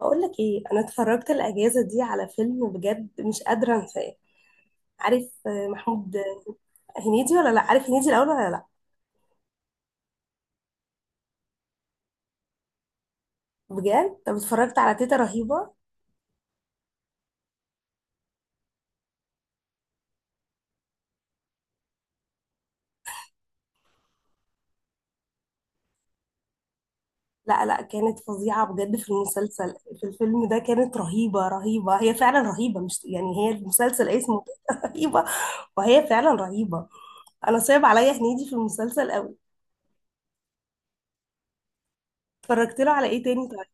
بقول لك ايه، انا اتفرجت الاجازه دي على فيلم وبجد مش قادره انساه. عارف آه، محمود آه، هنيدي ولا لا، عارف هنيدي الاول ولا لا؟ بجد، طب اتفرجت على تيتا رهيبه. لا لا، كانت فظيعه بجد في المسلسل. في الفيلم ده كانت رهيبه رهيبه، هي فعلا رهيبه، مش يعني هي، المسلسل اسمه رهيبه، وهي فعلا رهيبه. انا صعب عليا هنيدي في المسلسل قوي. اتفرجت له على ايه تاني طيب؟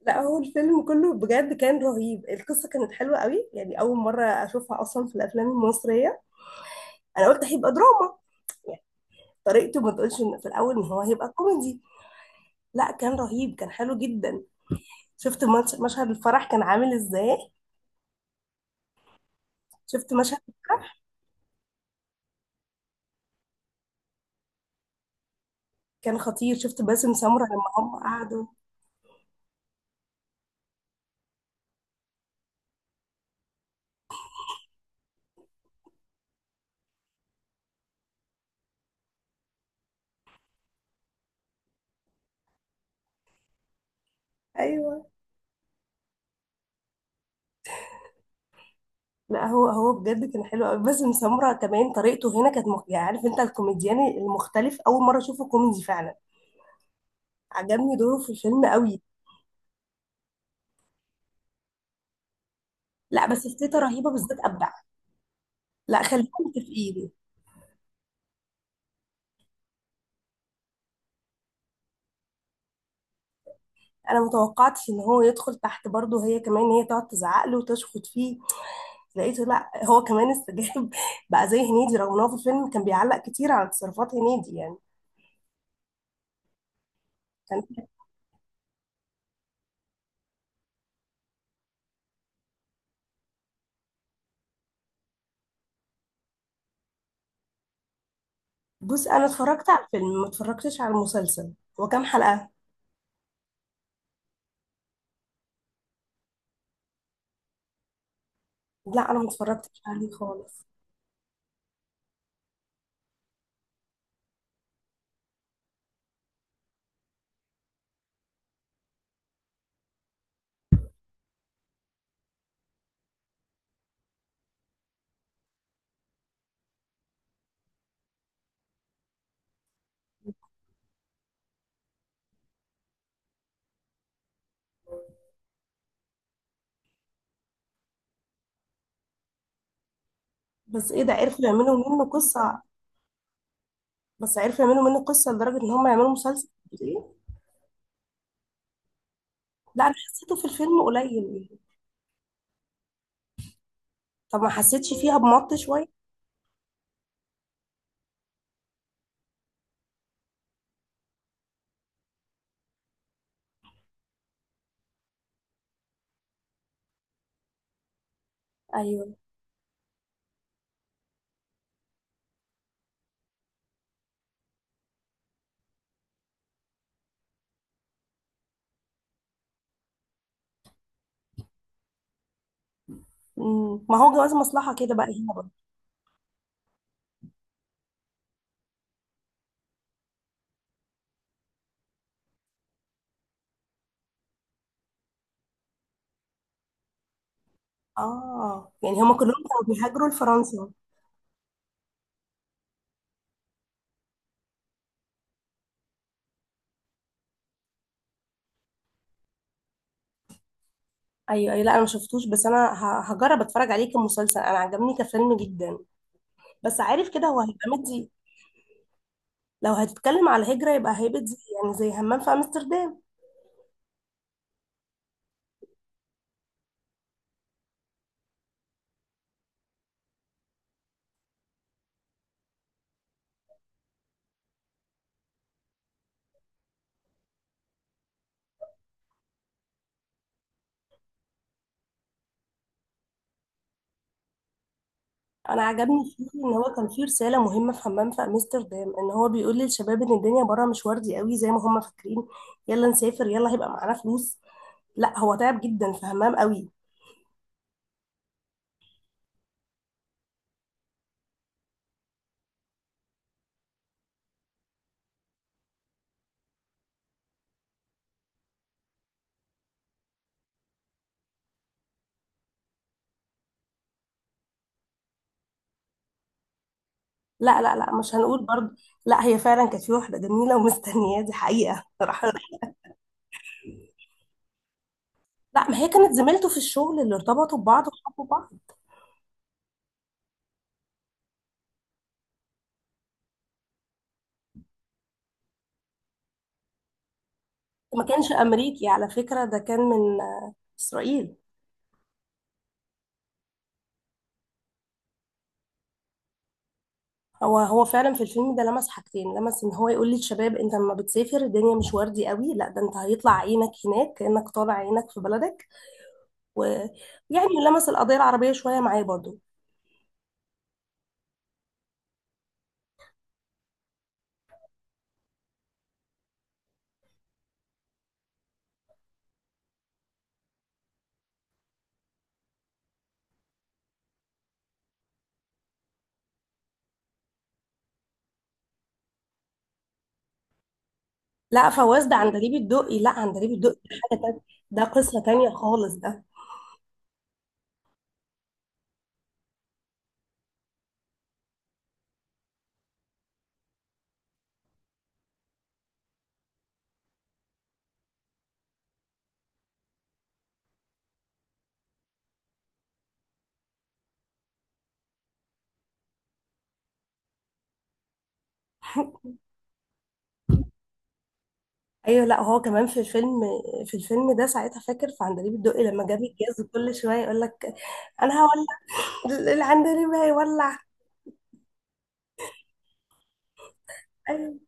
لا هو الفيلم كله بجد كان رهيب، القصه كانت حلوه قوي، يعني اول مره اشوفها اصلا في الافلام المصريه. انا قلت هيبقى دراما، يعني طريقته ما تقولش في الاول ان هو هيبقى كوميدي. لا كان رهيب، كان حلو جدا. شفت مشهد الفرح كان عامل ازاي؟ شفت مشهد الفرح، كان خطير. شفت باسم سمرة لما هم قعدوا؟ ايوه. لا هو بجد كان حلو قوي. باسم سمرة كمان طريقته هنا كانت يعني عارف انت الكوميديان المختلف، اول مره اشوفه كوميدي فعلا. عجبني دوره في الفيلم قوي. لا بس فتيته رهيبه، بالذات ابدع. لا، خلينا متفقين. انا متوقعتش ان هو يدخل تحت برضه، هي كمان هي تقعد تزعق له وتشخط فيه، لقيته لا هو كمان استجاب بقى زي هنيدي، رغم ان هو في الفيلم كان بيعلق كتير على تصرفات هنيدي يعني. كان بص، انا اتفرجت على الفيلم ما اتفرجتش على المسلسل. هو كام حلقة؟ لا انا ما اتفرجتش عليه خالص. بس ايه، ده عرفوا يعملوا منه قصة؟ بس عرفوا يعملوا منه قصة لدرجة ان هم يعملوا مسلسل؟ إيه؟ لا انا حسيته في الفيلم قليل يعني. طب ما حسيتش فيها بمط شوية؟ ايوه. مم. ما هو جواز مصلحة كده بقى هنا بقى. اه، يعني هما كلهم كانوا بيهاجروا لفرنسا. ايوه ايوه، لا انا ما شفتوش، بس انا هجرب اتفرج عليه كمسلسل، انا عجبني كفيلم جدا. بس عارف كده هو هيبقى مدي، لو هتتكلم على الهجرة يبقى هيبقى دي، يعني زي همام في امستردام. انا عجبني فيه ان هو كان فيه رسالة مهمة في همام في امستردام، ان هو بيقول للشباب ان الدنيا بره مش وردي قوي زي ما هم فاكرين، يلا نسافر يلا هيبقى معانا فلوس. لا هو تعب جدا في همام قوي. لا لا لا، مش هنقول برضه. لا هي فعلا كانت في واحدة جميلة ومستنياه، دي حقيقة صراحة. لا ما هي كانت زميلته في الشغل اللي ارتبطوا ببعض وحبوا بعض. وما كانش امريكي على فكره، ده كان من اسرائيل. هو فعلا في الفيلم ده لمس حاجتين، لمس ان هو يقول للشباب انت لما بتسافر الدنيا مش وردي قوي، لا ده انت هيطلع عينك هناك كانك طالع عينك في بلدك، ويعني لمس القضيه العربيه شويه معاه برضو. لا فواز ده عندليب الدقي، لا عندليب الدقي ده حاجه تانية، ده قصه تانية خالص ده. ايوه، لا هو كمان في الفيلم ده ساعتها، فاكر في عندليب الدقي لما جاب الجاز كل شويه يقول لك انا هولع، العندليب هيولع. أيوة.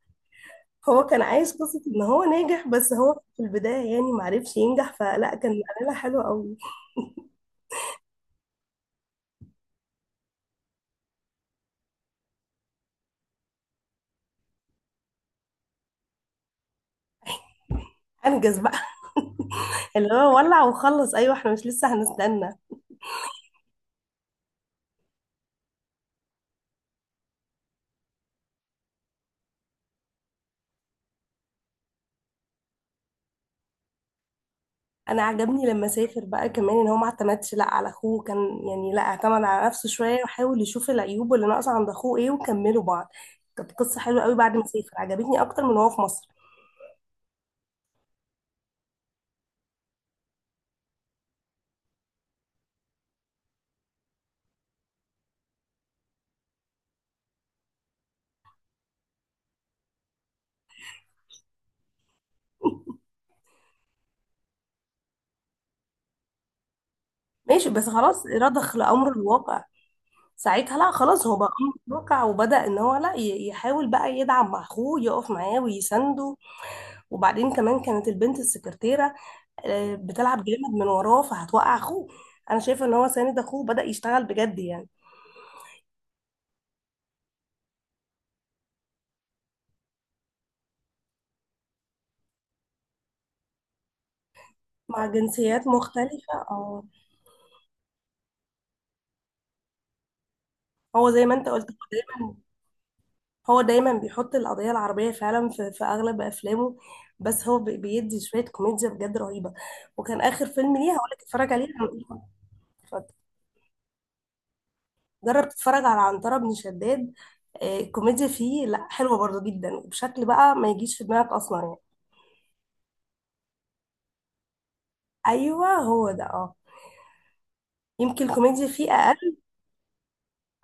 هو كان عايش قصة ان هو ناجح، بس هو في البداية يعني معرفش ينجح، فلا كان عاملها حلو قوي. انجز بقى. اللي هو ولع وخلص، ايوه احنا مش لسه هنستنى. انا عجبني لما سافر بقى كمان ان هو ما اعتمدش لا على اخوه كان، يعني لا اعتمد على نفسه شوية وحاول يشوف العيوب اللي ناقصة عند اخوه ايه وكملوا بعض. كانت قصة حلوه قوي بعد ما سافر، عجبتني اكتر من وهو في مصر. ماشي، بس خلاص رضخ لأمر الواقع. ساعتها لا خلاص، هو بقى متوقع وبدأ ان هو لا يحاول بقى يدعم مع اخوه، يقف معاه ويسنده. وبعدين كمان كانت البنت السكرتيرة بتلعب جامد من وراه فهتوقع اخوه. انا شايفة ان هو ساند اخوه، بدأ يشتغل بجد يعني. مع جنسيات مختلفة، اه. هو زي ما انت قلت، هو دايما بيحط القضية العربية فعلا في اغلب افلامه. بس هو بيدي شوية كوميديا بجد رهيبة. وكان اخر فيلم ليه هقولك اتفرج عليه، جرب تتفرج على عنترة بن شداد. الكوميديا فيه لا حلوة برضو جدا، وبشكل بقى ما يجيش في دماغك أصلا يعني. أيوة هو ده، اه. يمكن الكوميديا فيه أقل.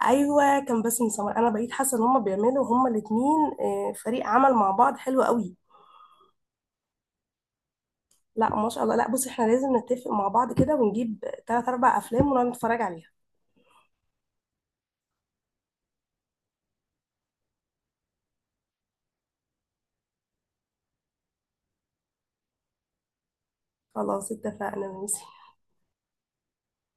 أيوة، كان باسم سمر. أنا بقيت حاسة إن هما بيعملوا، هما الاتنين فريق عمل مع بعض حلو قوي. لا ما شاء الله. لا بصي، احنا لازم نتفق مع بعض كده ونجيب 3 4 أفلام ونقعد نتفرج عليها. خلاص اتفقنا، ماشي.